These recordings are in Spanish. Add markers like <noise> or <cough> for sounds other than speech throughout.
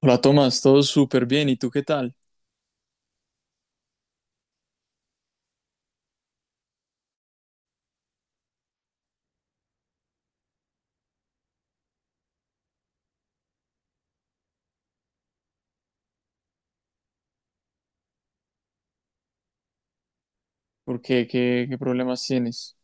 Hola Tomás, todo súper bien. ¿Y tú qué tal? ¿Por qué? ¿Qué problemas tienes?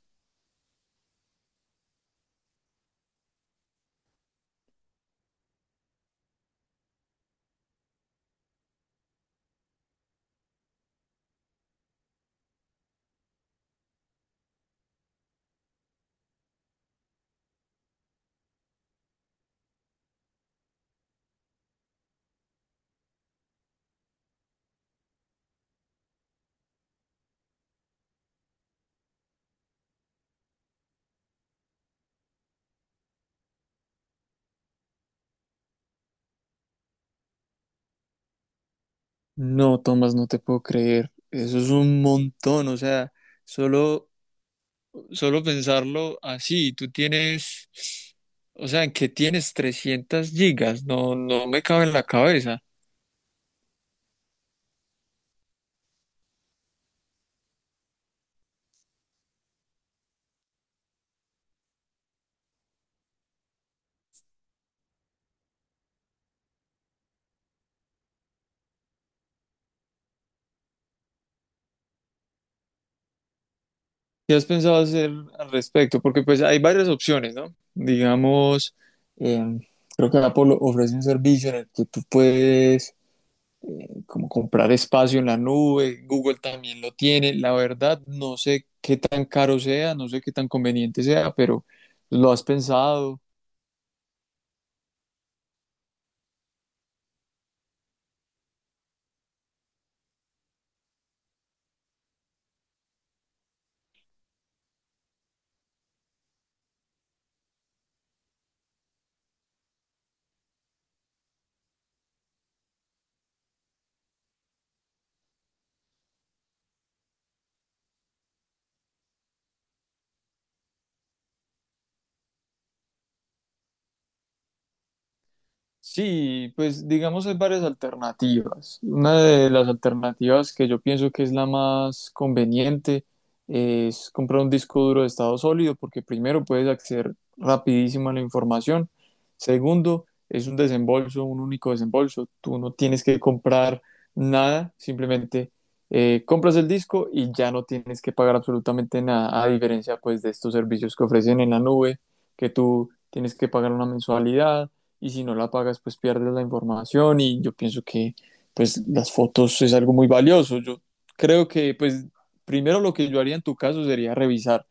No, Tomás, no te puedo creer. Eso es un montón. O sea, solo, solo pensarlo así. Tú tienes, o sea, ¿en ¿qué tienes 300 gigas? No, no me cabe en la cabeza. ¿Qué has pensado hacer al respecto? Porque pues hay varias opciones, ¿no? Digamos, em, creo que Apple ofrece un servicio en el que tú puedes como comprar espacio en la nube, Google también lo tiene. La verdad, no sé qué tan caro sea, no sé qué tan conveniente sea, pero ¿lo has pensado? Sí, pues digamos hay varias alternativas. Una de las alternativas que yo pienso que es la más conveniente es comprar un disco duro de estado sólido porque primero puedes acceder rapidísimo a la información. Segundo, es un desembolso, un único desembolso. Tú no tienes que comprar nada, simplemente compras el disco y ya no tienes que pagar absolutamente nada, a diferencia pues de estos servicios que ofrecen en la nube, que tú tienes que pagar una mensualidad y si no la pagas, pues pierdes la información y yo pienso que pues las fotos es algo muy valioso. Yo creo que pues primero lo que yo haría en tu caso sería revisar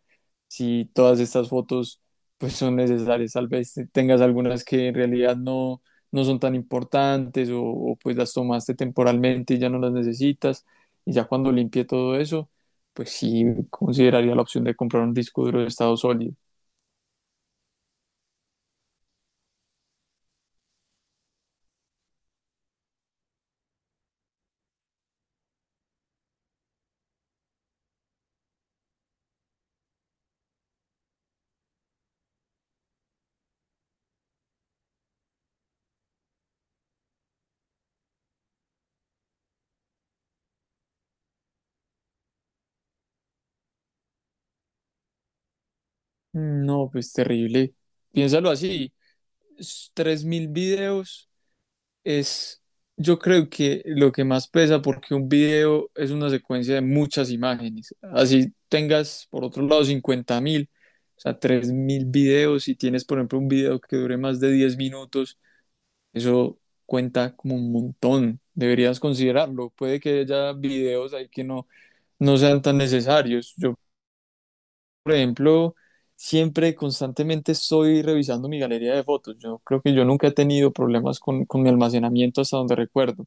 si todas estas fotos pues son necesarias. Tal vez tengas algunas que en realidad no, no son tan importantes o, pues las tomaste temporalmente y ya no las necesitas. Y ya cuando limpie todo eso, pues sí consideraría la opción de comprar un disco duro de estado sólido. Mm, no, pues terrible. Piénsalo así, 3.000 videos es, yo creo que lo que más pesa porque un video es una secuencia de muchas imágenes. Así tengas, por otro lado, 50.000, o sea, 3.000 videos. Si tienes, por ejemplo, un video que dure más de 10 minutos, eso cuenta como un montón. Deberías considerarlo. Puede que haya videos ahí que no, no sean tan necesarios. Yo, por ejemplo, siempre constantemente estoy revisando mi galería de fotos. Yo creo que yo nunca he tenido problemas con mi almacenamiento hasta donde recuerdo.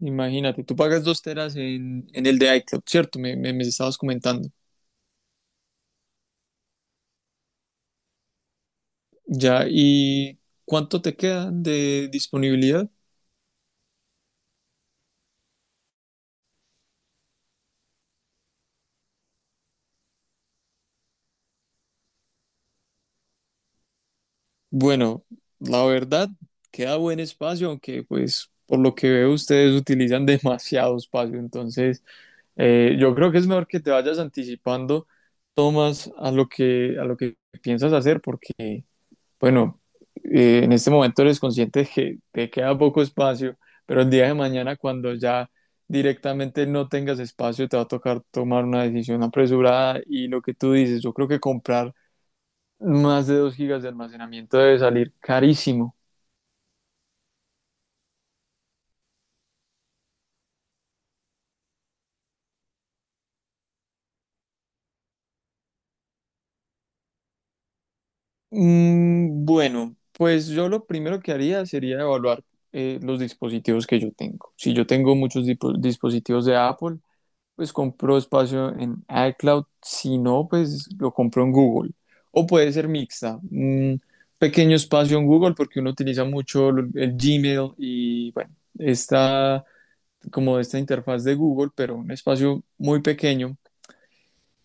Imagínate, tú pagas 2 teras en el de iCloud, ¿cierto? Me estabas comentando. Ya, ¿y cuánto te quedan de disponibilidad? Bueno, la verdad, queda buen espacio, aunque pues por lo que veo ustedes utilizan <laughs> demasiado espacio, entonces. Yo creo que es mejor que te vayas anticipando, Tomás, a lo que piensas hacer, porque, bueno, en este momento eres consciente de que te queda poco espacio, pero el día de mañana, cuando ya directamente no tengas espacio, te va a tocar tomar una decisión apresurada y lo que tú dices, yo creo que comprar más de 2 gigas de almacenamiento debe salir carísimo. Mm, bueno, pues yo lo primero que haría sería evaluar los dispositivos que yo tengo. Si yo tengo muchos dispositivos de Apple, pues compro espacio en iCloud. Si no, pues lo compro en Google. O puede ser mixta. Un pequeño espacio en Google porque uno utiliza mucho el Gmail y bueno, está como esta interfaz de Google, pero un espacio muy pequeño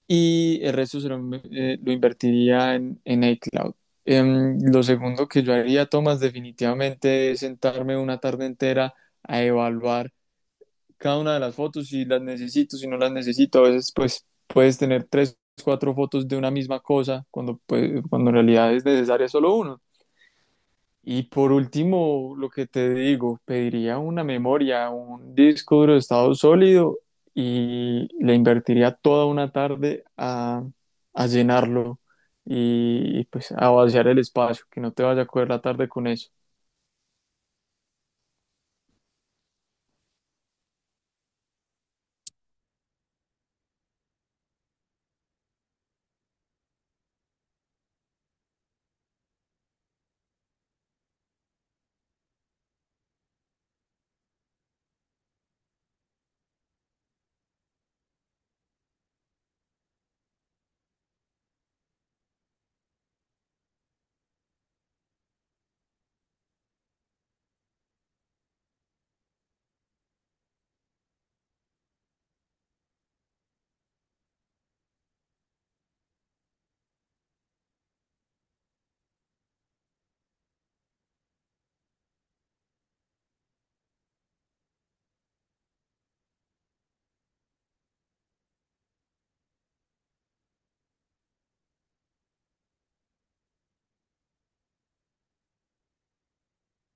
y el resto lo invertiría en iCloud. Lo segundo que yo haría, Tomás, definitivamente es sentarme una tarde entera a evaluar cada una de las fotos, si las necesito, si no las necesito. A veces, pues, puedes tener tres, cuatro fotos de una misma cosa cuando, pues, cuando en realidad es necesaria solo una. Y por último, lo que te digo, pediría una memoria, un disco duro de estado sólido y le invertiría toda una tarde a llenarlo y, pues a vaciar el espacio, que no te vaya a coger la tarde con eso.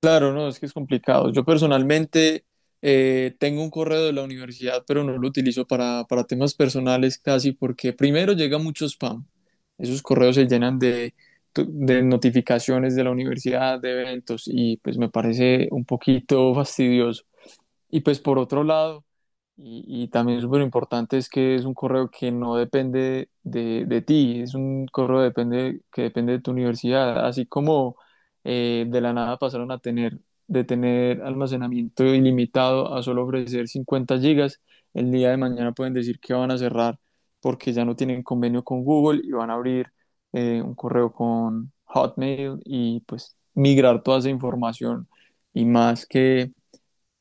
Claro, no, es que es complicado. Yo personalmente tengo un correo de la universidad, pero no lo utilizo para temas personales casi porque primero llega mucho spam. Esos correos se llenan de, de notificaciones de la universidad, de eventos, y pues me parece un poquito <laughs> fastidioso. Y pues por otro lado, y también súper importante, es que es un correo que no depende de ti, es un correo que depende de tu universidad, así como de la nada pasaron a tener almacenamiento ilimitado a solo ofrecer 50 gigas, el día de mañana pueden decir que van a cerrar porque ya no tienen convenio con Google y van a abrir un correo con Hotmail y pues migrar toda esa información y más que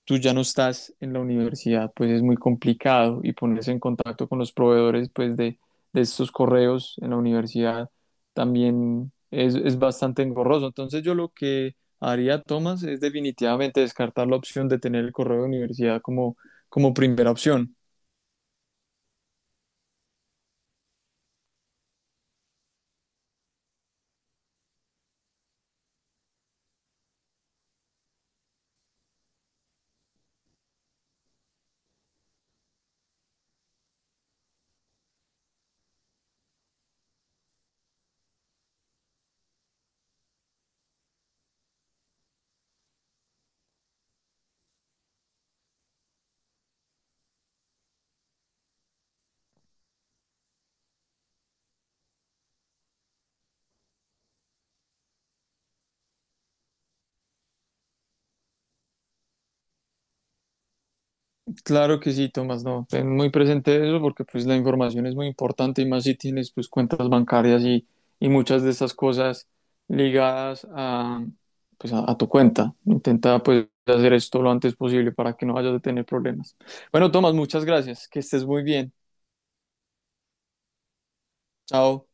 tú ya no estás en la universidad, pues es muy complicado y ponerse en contacto con los proveedores pues de estos correos en la universidad también es bastante engorroso. Entonces yo lo que haría, Tomás, es definitivamente descartar la opción de tener el correo de universidad como, como primera opción. Claro que sí, Tomás, no, ten muy presente eso porque pues la información es muy importante y más si tienes pues cuentas bancarias y muchas de esas cosas ligadas a, pues, a tu cuenta. Intenta pues hacer esto lo antes posible para que no vayas a tener problemas. Bueno, Tomás, muchas gracias, que estés muy bien. Chao.